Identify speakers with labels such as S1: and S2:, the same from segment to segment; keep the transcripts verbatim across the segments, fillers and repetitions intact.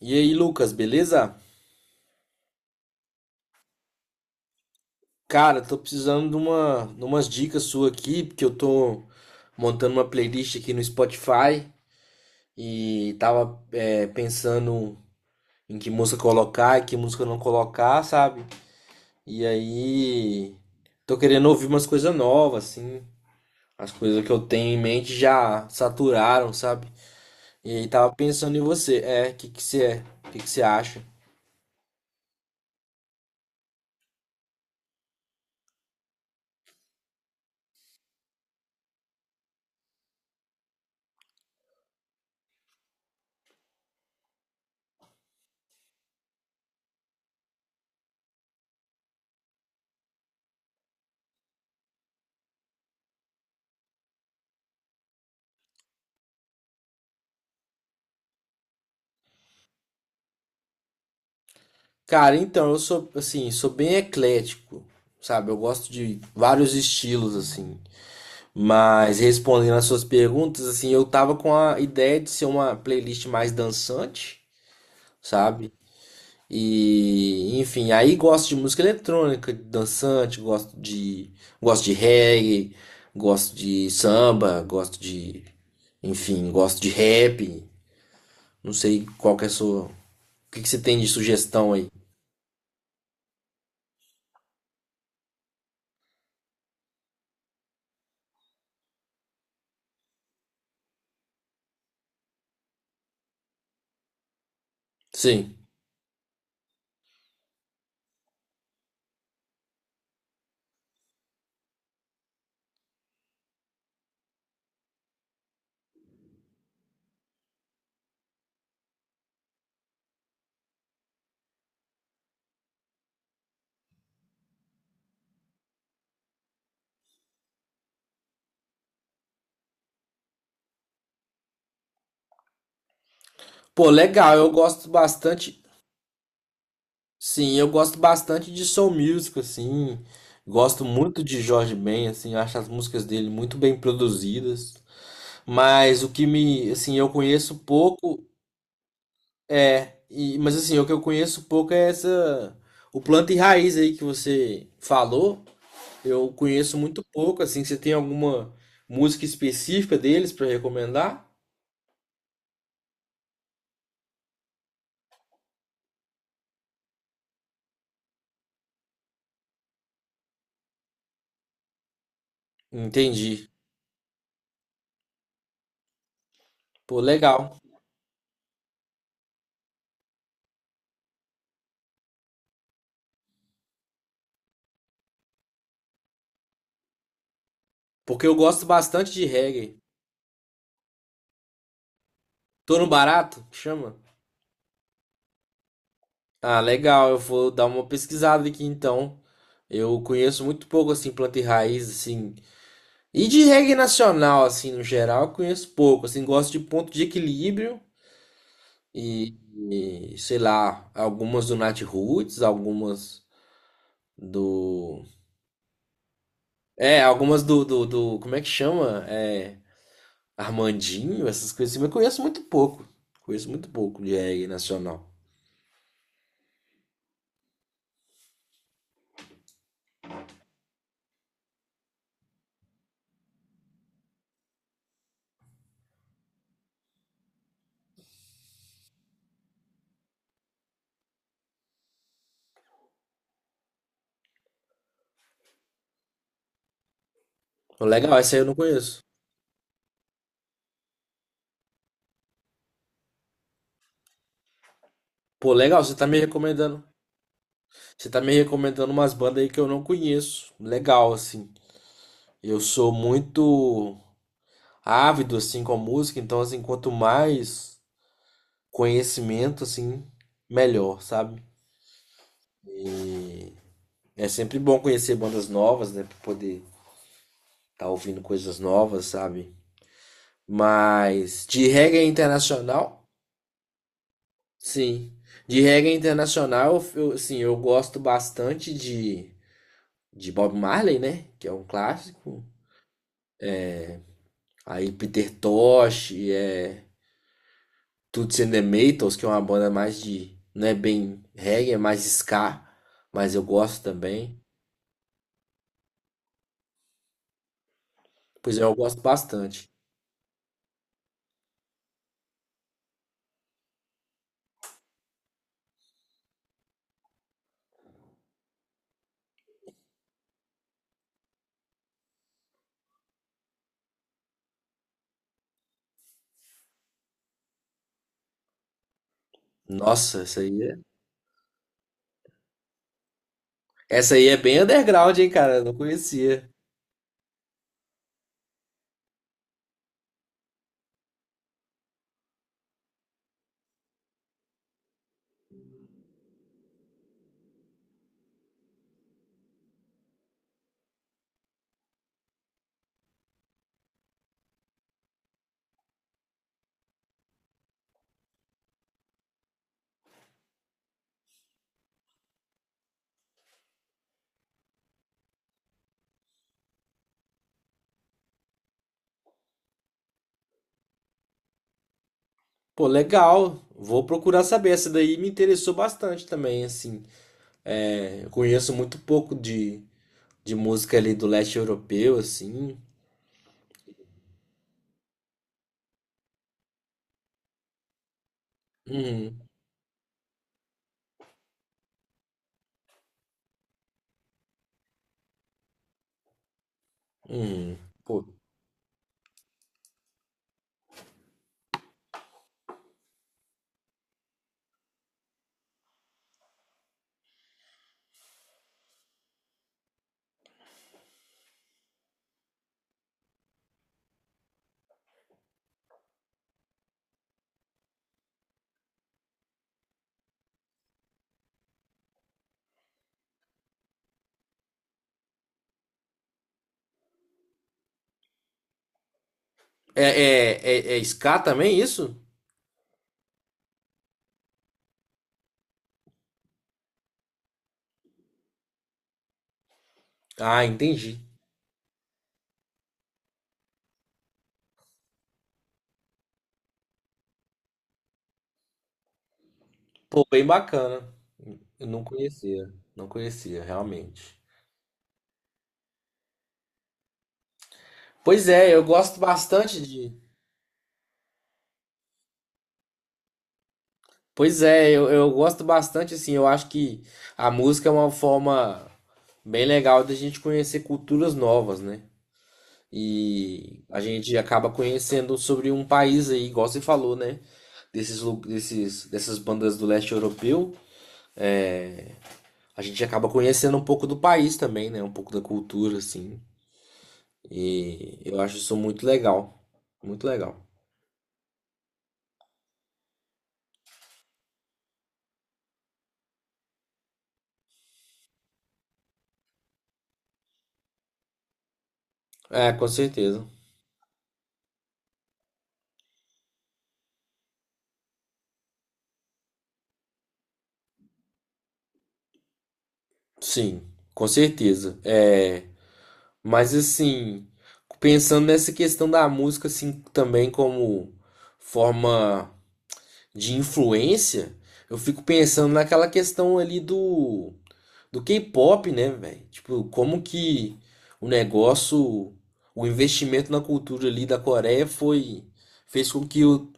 S1: E aí, Lucas, beleza? Cara, tô precisando de uma, de umas dicas suas aqui, porque eu tô montando uma playlist aqui no Spotify e tava é, pensando em que música colocar e que música não colocar, sabe? E aí, tô querendo ouvir umas coisas novas, assim. As coisas que eu tenho em mente já saturaram, sabe? E aí, tava pensando em você. É, o que que você é? O que que você acha? Cara, então, eu sou, assim, sou bem eclético, sabe? Eu gosto de vários estilos, assim. Mas respondendo às suas perguntas, assim, eu tava com a ideia de ser uma playlist mais dançante, sabe? E, enfim, aí gosto de música eletrônica, dançante, gosto de, gosto de reggae, gosto de samba, gosto de, enfim, gosto de rap. Não sei qual que é a sua, o que que você tem de sugestão aí? Sim. Pô, legal, eu gosto bastante. Sim, eu gosto bastante de soul music, assim. Gosto muito de Jorge Ben, assim, eu acho as músicas dele muito bem produzidas. Mas o que me, assim, eu conheço pouco é, e- mas assim, o que eu conheço pouco é essa o planta e raiz aí que você falou. Eu conheço muito pouco, assim, você tem alguma música específica deles pra recomendar? Entendi. Pô, legal. Porque eu gosto bastante de reggae. Torno Barato? Chama? Ah, legal. Eu vou dar uma pesquisada aqui então. Eu conheço muito pouco assim planta e raiz assim. E de reggae nacional assim no geral, eu conheço pouco. Assim, gosto de ponto de equilíbrio e, e, sei lá, algumas do Nat Roots, algumas do. É, algumas do, do, do como é que chama? É Armandinho, essas coisas assim, mas eu conheço muito pouco. Conheço muito pouco de reggae nacional. Pô, legal, essa aí eu não conheço. Pô, legal, você tá me recomendando. Você tá me recomendando umas bandas aí que eu não conheço. Legal, assim. Eu sou muito ávido, assim, com a música, então, assim, quanto mais conhecimento, assim, melhor, sabe? E é sempre bom conhecer bandas novas, né? Pra poder estar tá ouvindo coisas novas, sabe? Mas de reggae internacional, sim. De reggae internacional, eu, sim, eu gosto bastante de, de Bob Marley, né? Que é um clássico. Aí Peter Tosh, é... Toots and the Maytals, que é uma banda mais de. Não é bem reggae, é mais ska, mas eu gosto também. Pois é, eu gosto bastante. Nossa, essa aí, é- essa aí é bem underground, hein, cara? Eu não conhecia. Pô, legal. Vou procurar saber. Essa daí me interessou bastante também, assim. É, eu conheço muito pouco de, de música ali do leste europeu, assim. Uhum, uhum. Pô, é, é, é, é ska também isso? Ah, entendi. Pô, bem bacana. Eu não conhecia, não conhecia, realmente. Pois é, eu gosto bastante de. Pois é, eu, eu gosto bastante, assim, eu acho que a música é uma forma bem legal da gente conhecer culturas novas, né? E a gente acaba conhecendo sobre um país aí, igual você falou, né? Desses, lu- desses, dessas bandas do leste europeu, a gente acaba conhecendo um pouco do país também, né? Um pouco da cultura, assim. E eu acho isso muito legal. Muito legal. É, com certeza. Sim, com certeza. É, mas assim, pensando nessa questão da música assim também como forma de influência, eu fico pensando naquela questão ali do do K-pop, né, velho? Tipo, como que o negócio, o investimento na cultura ali da Coreia foi fez com que o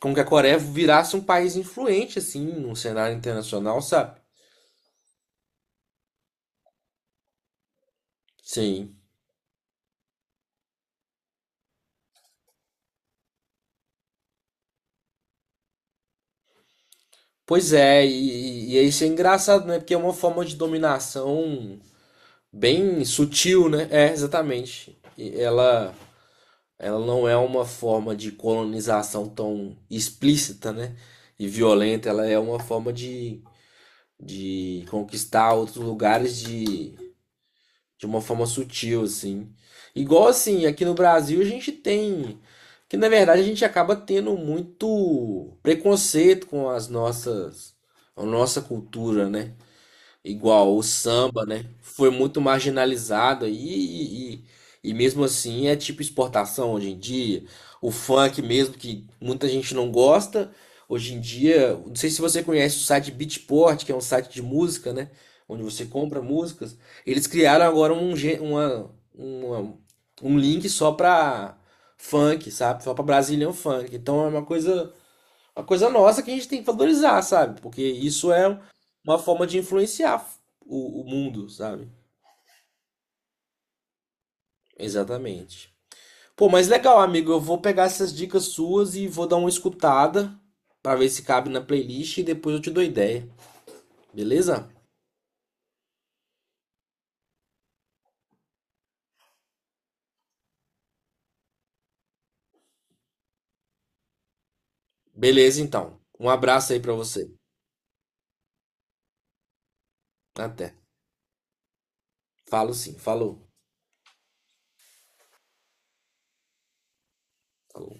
S1: com que a Coreia virasse um país influente assim no cenário internacional, sabe? Sim. Pois é, e, e, e é isso é engraçado, né? Porque é uma forma de dominação bem sutil, né? É, exatamente. E ela, ela não é uma forma de colonização tão explícita, né? E violenta, ela é uma forma de, de conquistar outros lugares de, de uma forma sutil, assim. Igual assim, aqui no Brasil a gente tem. Que na verdade a gente acaba tendo muito preconceito com as nossas. A nossa cultura, né? Igual o samba, né? Foi muito marginalizado e, e, e mesmo assim é tipo exportação hoje em dia. O funk mesmo, que muita gente não gosta, hoje em dia, não sei se você conhece o site Beatport, que é um site de música, né? Onde você compra músicas. Eles criaram agora um, gê- uma, uma, um link só pra funk, sabe? Só pra Brazilian funk. Então é uma coisa uma coisa nossa que a gente tem que valorizar, sabe? Porque isso é uma forma de influenciar o, o mundo, sabe? Exatamente. Pô, mas legal, amigo. Eu vou pegar essas dicas suas e vou dar uma escutada pra ver se cabe na playlist e depois eu te dou ideia, beleza? Beleza, então. Um abraço aí pra você. Até. Falo sim. Falou. Falou.